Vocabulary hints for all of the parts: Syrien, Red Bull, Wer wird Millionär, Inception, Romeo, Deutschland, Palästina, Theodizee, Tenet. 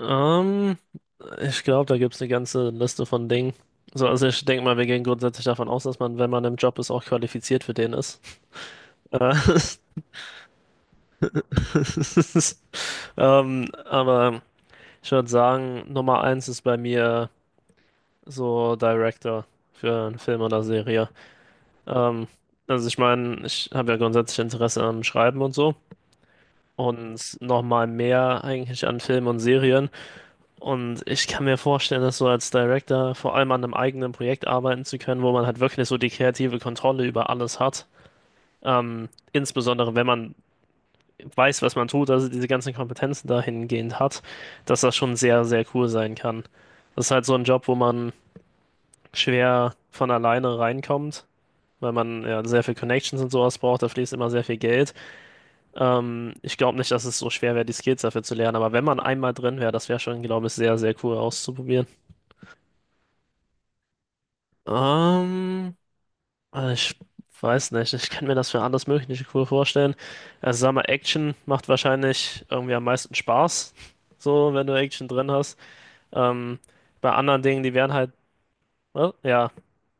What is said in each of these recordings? Ähm, Ich glaube, da gibt es eine ganze Liste von Dingen. So, also ich denke mal, wir gehen grundsätzlich davon aus, dass man, wenn man im Job ist, auch qualifiziert für den ist. Äh, aber ich würde sagen, Nummer eins ist bei mir so Director für einen Film oder Serie. Ähm, also ich meine, ich habe ja grundsätzlich Interesse am Schreiben und so und noch mal mehr eigentlich an Filmen und Serien. Und ich kann mir vorstellen, dass so als Director vor allem an einem eigenen Projekt arbeiten zu können, wo man halt wirklich so die kreative Kontrolle über alles hat. Insbesondere wenn man weiß, was man tut, also diese ganzen Kompetenzen dahingehend hat, dass das schon sehr, sehr cool sein kann. Das ist halt so ein Job, wo man schwer von alleine reinkommt, weil man ja sehr viel Connections und sowas braucht, da fließt immer sehr viel Geld. Ich glaube nicht, dass es so schwer wäre, die Skills dafür zu lernen, aber wenn man einmal drin wäre, das wäre schon, glaube ich, sehr, sehr cool auszuprobieren. Ähm, also ich weiß nicht, ich kann mir das für alles Mögliche cool vorstellen. Also sag mal, Action macht wahrscheinlich irgendwie am meisten Spaß, so wenn du Action drin hast. Ähm, Bei anderen Dingen, die wären halt, ja,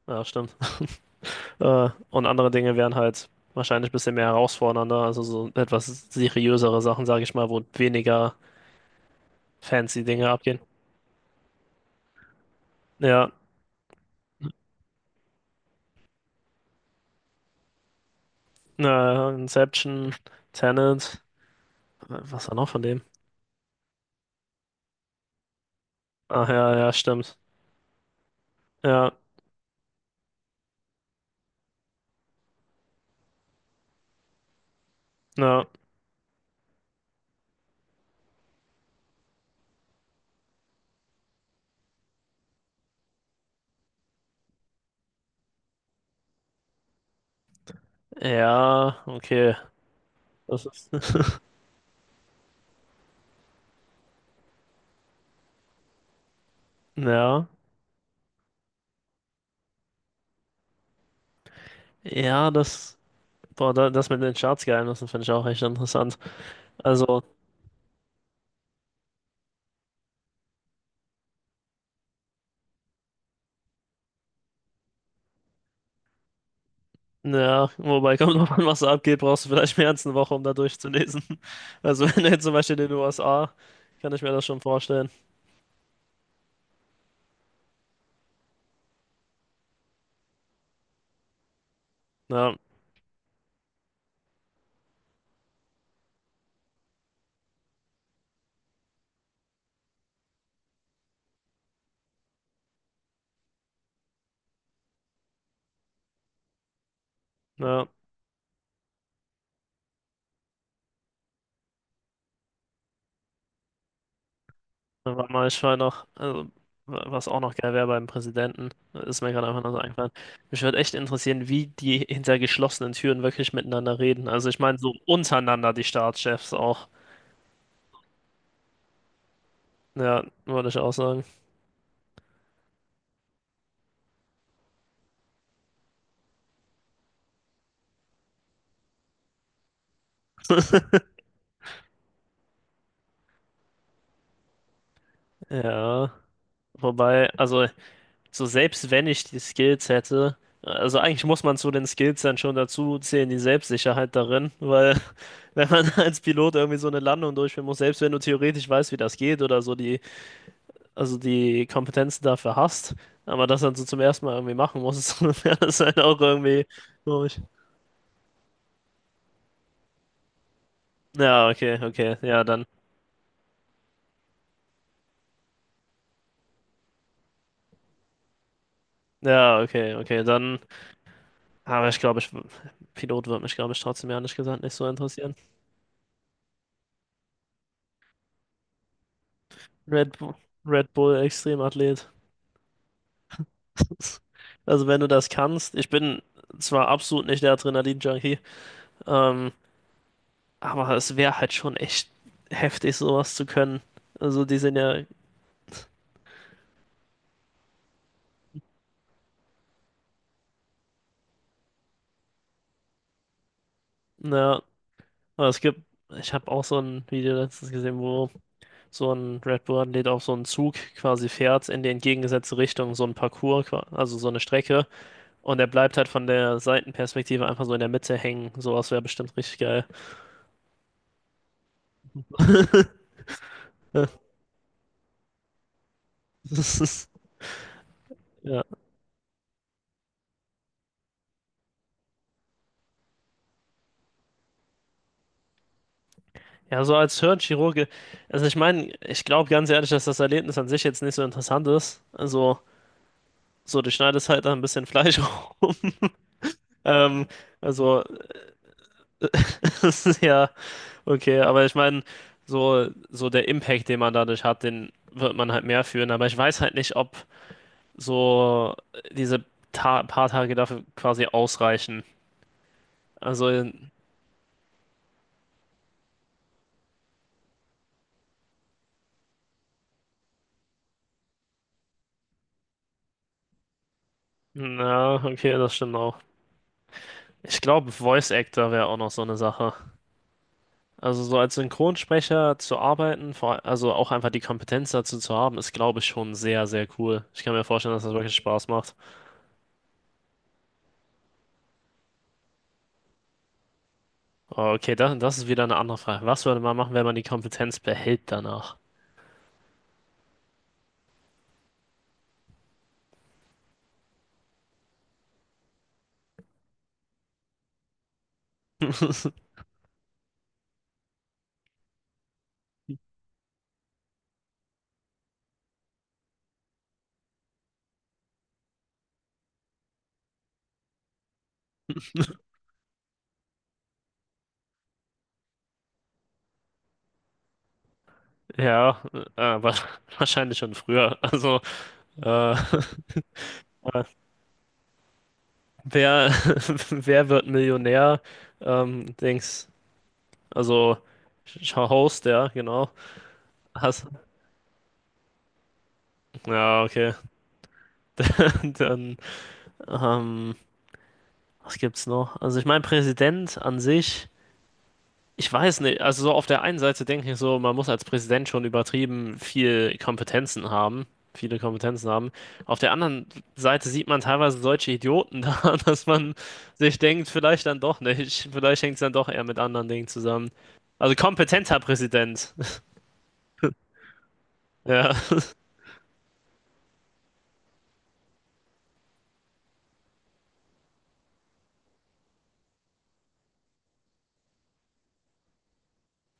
ja, stimmt. Und andere Dinge wären halt wahrscheinlich ein bisschen mehr herausfordernder, also so etwas seriösere Sachen, sage ich mal, wo weniger fancy Dinge abgehen. Ja, Inception, Tenet, was war noch von dem? Ach ja, ja, stimmt. Ja, ja. Ja, okay. Das ist, ja. Ja, das, boah, da, das mit den Staatsgeheimnissen finde ich auch echt interessant. Also, ja, wobei kommt drauf an, was da abgeht, brauchst du vielleicht mehr als eine Woche, um da durchzulesen. Also, wenn du jetzt zum Beispiel in den USA, kann ich mir das schon vorstellen. Ja, ja, da war mal, ich war noch, also, was auch noch geil wäre beim Präsidenten, ist mir gerade einfach nur so eingefallen. Mich würde echt interessieren, wie die hinter geschlossenen Türen wirklich miteinander reden. Also, ich meine, so untereinander die Staatschefs auch. Ja, würde ich auch sagen. Ja. Wobei, also, so selbst wenn ich die Skills hätte, also eigentlich muss man zu den Skills dann schon dazu zählen, die Selbstsicherheit darin, weil wenn man als Pilot irgendwie so eine Landung durchführen muss, selbst wenn du theoretisch weißt, wie das geht oder so die, also die Kompetenzen dafür hast, aber das dann so zum ersten Mal irgendwie machen musst, wäre das halt auch irgendwie komisch. Ja, okay, okay, ja, dann. Ja, okay, okay, dann. Aber ich glaube, ich, Pilot wird mich, glaube ich, trotzdem ehrlich gesagt nicht so interessieren. Red, Bu- Red Bull Extremathlet. Also wenn du das kannst, ich bin zwar absolut nicht der Adrenalin-Junkie, ähm, aber es wäre halt schon echt heftig, sowas zu können. Also die sind ja, naja, aber es gibt, ich habe auch so ein Video letztens gesehen, wo so ein Red Bull-Athlet auf so einen Zug quasi fährt in die entgegengesetzte Richtung, so ein Parcours, also so eine Strecke, und er bleibt halt von der Seitenperspektive einfach so in der Mitte hängen. Sowas wäre bestimmt richtig geil. Das ist, ja. Ja, so als Hirnchirurge, also ich meine, ich glaube ganz ehrlich, dass das Erlebnis an sich jetzt nicht so interessant ist. Also, so, du schneidest halt da ein bisschen Fleisch rum. Ähm, also, es ist ja okay, aber ich meine, so, so der Impact, den man dadurch hat, den wird man halt mehr fühlen. Aber ich weiß halt nicht, ob so diese ta paar Tage dafür quasi ausreichen. Also, na, okay, das stimmt auch. Ich glaube, Voice Actor wäre auch noch so eine Sache. Also so als Synchronsprecher zu arbeiten, vor, also auch einfach die Kompetenz dazu zu haben, ist, glaube ich, schon sehr, sehr cool. Ich kann mir vorstellen, dass das wirklich Spaß macht. Oh, okay, das, das ist wieder eine andere Frage. Was würde man machen, wenn man die Kompetenz behält danach? Ja, äh, wa- wahrscheinlich schon früher. Also, äh, äh, wer, wer wird Millionär? Dings, also Host, ja, genau. Hast, ja, okay. Dann, ähm, was gibt's noch? Also ich meine, Präsident an sich, ich weiß nicht, also so auf der einen Seite denke ich so, man muss als Präsident schon übertrieben viel Kompetenzen haben, viele Kompetenzen haben. Auf der anderen Seite sieht man teilweise solche Idioten da, dass man sich denkt, vielleicht dann doch nicht, vielleicht hängt es dann doch eher mit anderen Dingen zusammen. Also kompetenter Präsident. Ja,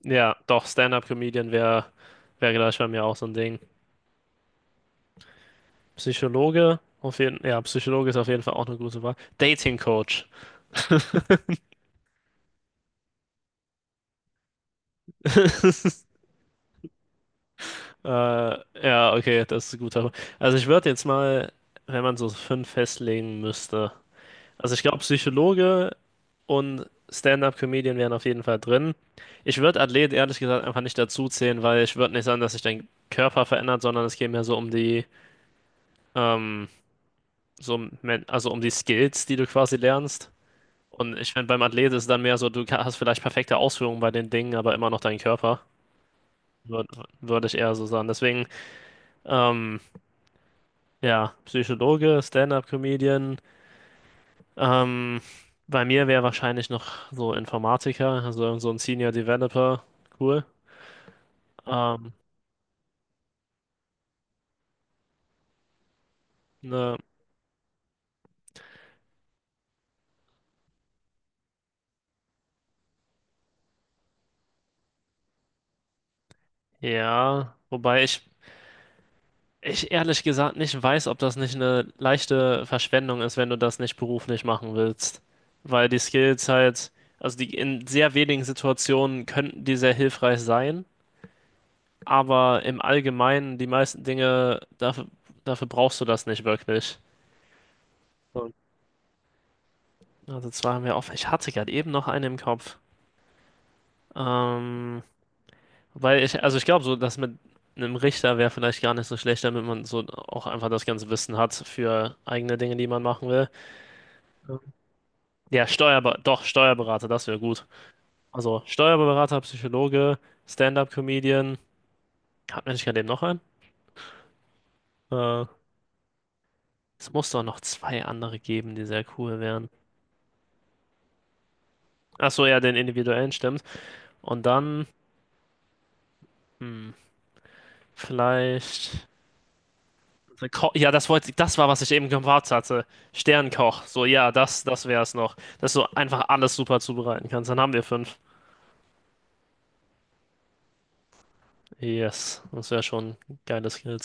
ja, doch, Stand-up-Comedian wäre wär gleich bei mir auch so ein Ding. Psychologe, auf jeden, ja, Psychologe ist auf jeden Fall auch eine gute Wahl. Dating-Coach. Ja, okay, das ist ein guter. Also ich würde jetzt mal, wenn man so fünf festlegen müsste. Also ich glaube, Psychologe und Stand-up-Comedian wären auf jeden Fall drin. Ich würde Athlet ehrlich gesagt einfach nicht dazu zählen, weil ich würde nicht sagen, dass sich dein Körper verändert, sondern es geht mehr so um die, ähm, so um, also um die Skills, die du quasi lernst. Und ich finde, beim Athlet ist es dann mehr so, du hast vielleicht perfekte Ausführungen bei den Dingen, aber immer noch deinen Körper. Würd ich eher so sagen. Deswegen, ähm, ja, Psychologe, Stand-up-Comedian. Ähm, Bei mir wäre wahrscheinlich noch so Informatiker, also so ein Senior Developer. Cool. Ähm, ne, ja, wobei ich ehrlich gesagt nicht weiß, ob das nicht eine leichte Verschwendung ist, wenn du das nicht beruflich machen willst. Weil die Skills halt, also die in sehr wenigen Situationen könnten die sehr hilfreich sein, aber im Allgemeinen die meisten Dinge, dafür brauchst du das nicht wirklich. So, also zwei haben wir offen. Ich hatte gerade eben noch eine im Kopf. Ähm, Weil ich, also ich glaube, so dass mit einem Richter wäre vielleicht gar nicht so schlecht, damit man so auch einfach das ganze Wissen hat für eigene Dinge, die man machen will. Ja, Steuerber doch, Steuerberater, das wäre gut. Also Steuerberater, Psychologe, Stand-up-Comedian. Hat man nicht gerade eben noch einen? Äh, Es muss doch noch zwei andere geben, die sehr cool wären. Achso, ja, den individuellen stimmt. Und dann, hm, vielleicht. Ja, das wollte, das war, was ich eben gemacht hatte. Sternkoch. So, ja, das, das wäre es noch. Dass du einfach alles super zubereiten kannst. Dann haben wir fünf. Yes, das wäre schon ein geiles Skill.